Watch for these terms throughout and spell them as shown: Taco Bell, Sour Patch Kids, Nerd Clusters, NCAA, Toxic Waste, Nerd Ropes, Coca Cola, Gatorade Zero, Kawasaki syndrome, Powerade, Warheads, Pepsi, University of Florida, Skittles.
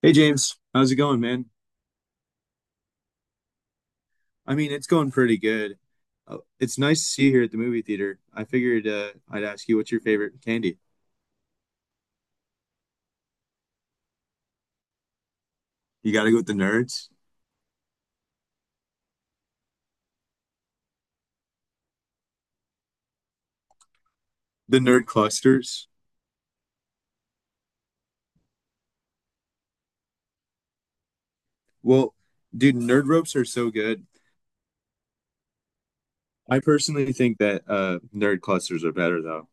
Hey James, how's it going, man? I mean, it's going pretty good. It's nice to see you here at the movie theater. I figured I'd ask you what's your favorite candy. You gotta go with the nerds, the nerd clusters. Well, dude, nerd ropes are so good. I personally think that nerd clusters are better though.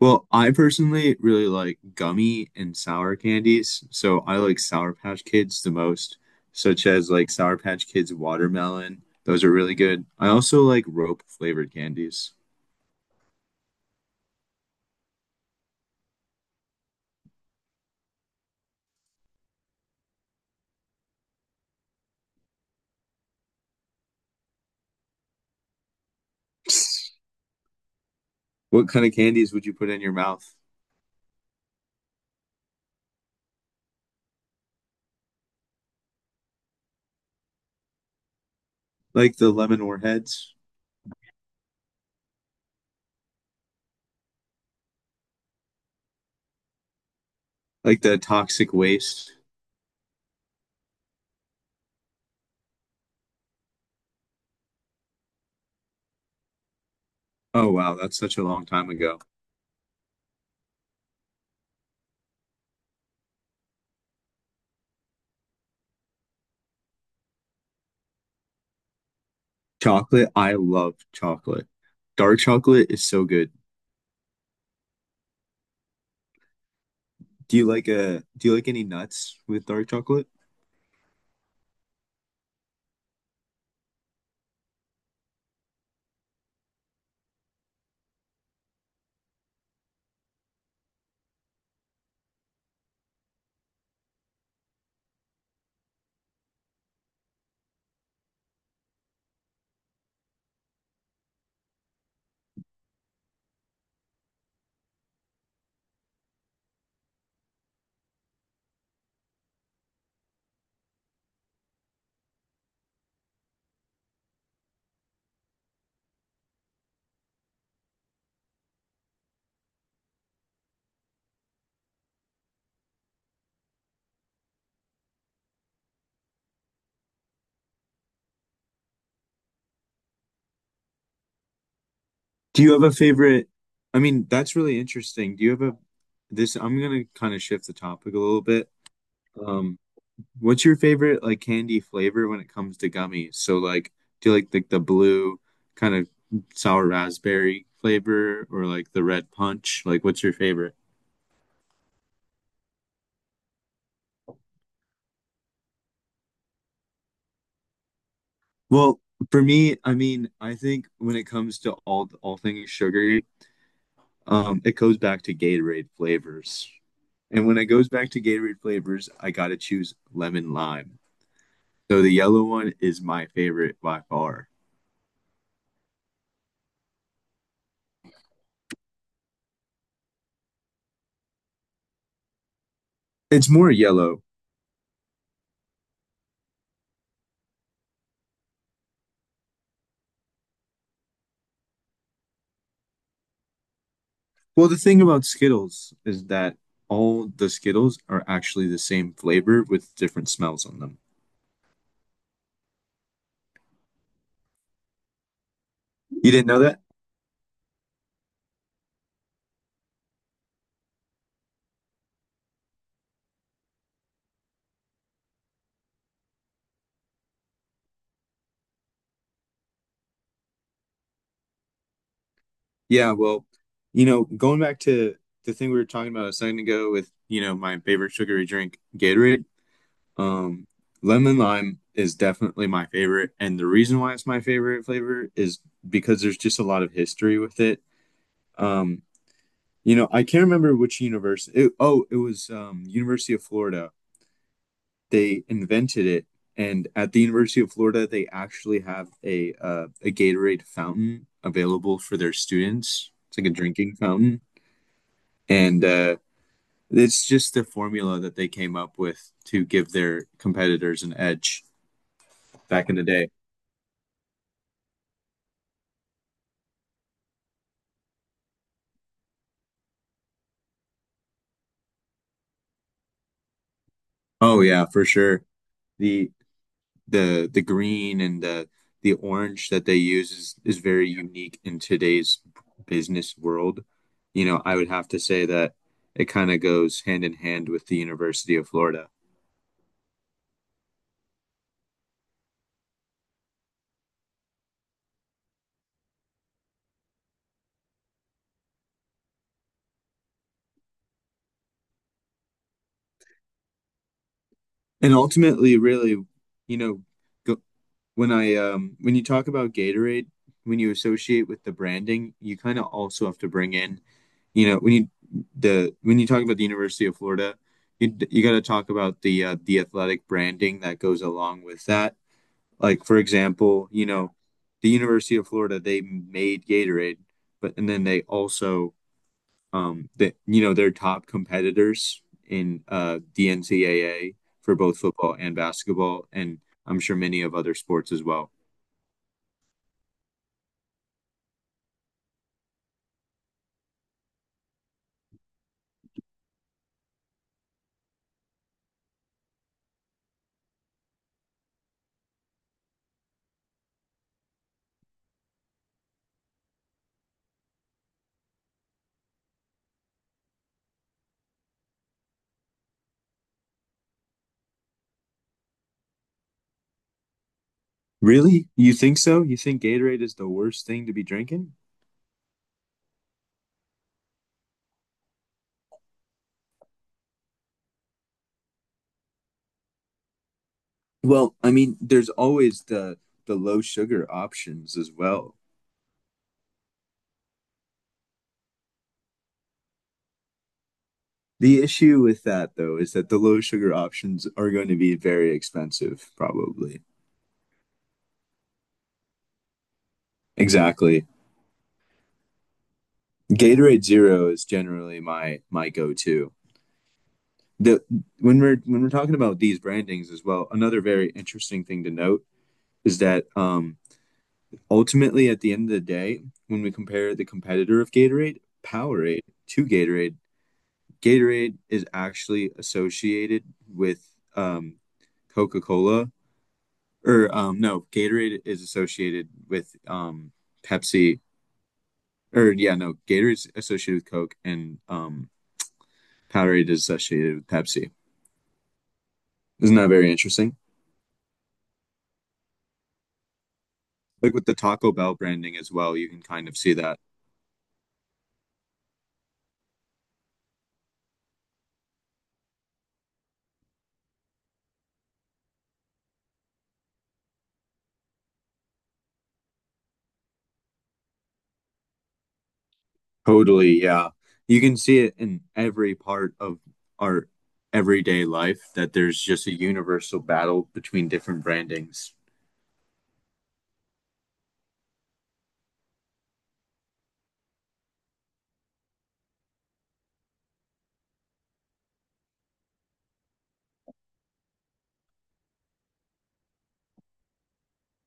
Well, I personally really like gummy and sour candies, so I like Sour Patch Kids the most, such as like Sour Patch Kids watermelon. Those are really good. I also like rope flavored candies. What kind of candies would you put in your mouth? Like the lemon warheads? Like the toxic waste? Oh, wow. That's such a long time ago. Chocolate. I love chocolate. Dark chocolate is so good. Do you like any nuts with dark chocolate? Do you have a favorite? I mean, that's really interesting. Do you have a, This, I'm gonna kind of shift the topic a little bit. Um, What's your favorite like candy flavor when it comes to gummies? So like do you like the blue kind of sour raspberry flavor or like the red punch? Like what's your favorite? Well, for me, I mean, I think when it comes to all things sugary, it goes back to Gatorade flavors. And when it goes back to Gatorade flavors, I gotta choose lemon lime. So the yellow one is my favorite by far. It's more yellow. Well, the thing about Skittles is that all the Skittles are actually the same flavor with different smells on them. You didn't know that? Yeah, well, you know, going back to the thing we were talking about a second ago with, you know, my favorite sugary drink, Gatorade, um, lemon lime is definitely my favorite. And the reason why it's my favorite flavor is because there's just a lot of history with it. Um, you know, I can't remember which university. Oh, it was University of Florida. They invented it. And at the University of Florida, they actually have a Gatorade fountain available for their students. It's like a drinking fountain, and it's just the formula that they came up with to give their competitors an edge back in the day. Oh yeah, for sure. The the green and the orange that they use is very unique in today's business world. You know, I would have to say that it kind of goes hand in hand with the University of Florida. And ultimately, really, you know, go, when I when you talk about Gatorade, when you associate with the branding, you kind of also have to bring in, you know, when you talk about the University of Florida, you got to talk about the athletic branding that goes along with that. Like for example, you know, the University of Florida they made Gatorade, but and then they also that you know their top competitors in the NCAA for both football and basketball, and I'm sure many of other sports as well. Really? You think so? You think Gatorade is the worst thing to be drinking? Well, I mean, there's always the low sugar options as well. The issue with that though is that the low sugar options are going to be very expensive, probably. Exactly. Gatorade Zero is generally my go-to. The when we're talking about these brandings as well, another very interesting thing to note is that ultimately at the end of the day, when we compare the competitor of Gatorade, Powerade to Gatorade, Gatorade is actually associated with um, Coca Cola, or no, Gatorade is associated with Pepsi, or yeah, no, Gatorade's associated with Coke, and Powerade is associated with Pepsi. Isn't that very interesting? Like with the Taco Bell branding as well, you can kind of see that. Totally, yeah. You can see it in every part of our everyday life that there's just a universal battle between different brandings.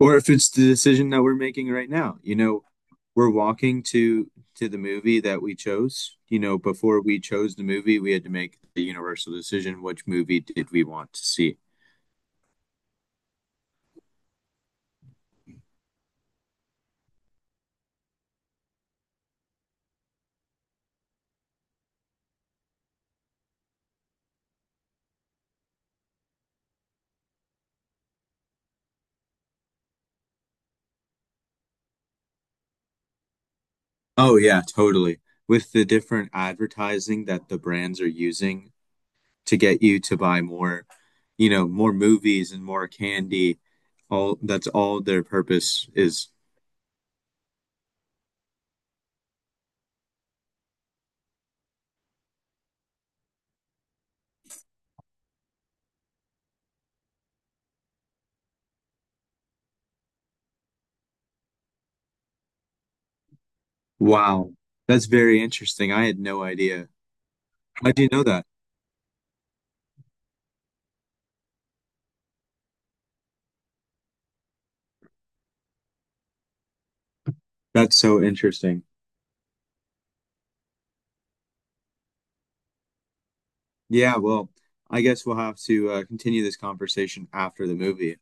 Or if it's the decision that we're making right now, you know, we're walking to the movie that we chose. You know, before we chose the movie we had to make the universal decision, which movie did we want to see. Oh yeah, totally. With the different advertising that the brands are using to get you to buy more, you know, more movies and more candy, all that's all their purpose is. Wow, that's very interesting, I had no idea. How do you know that? That's so interesting. Yeah, well, I guess we'll have to continue this conversation after the movie.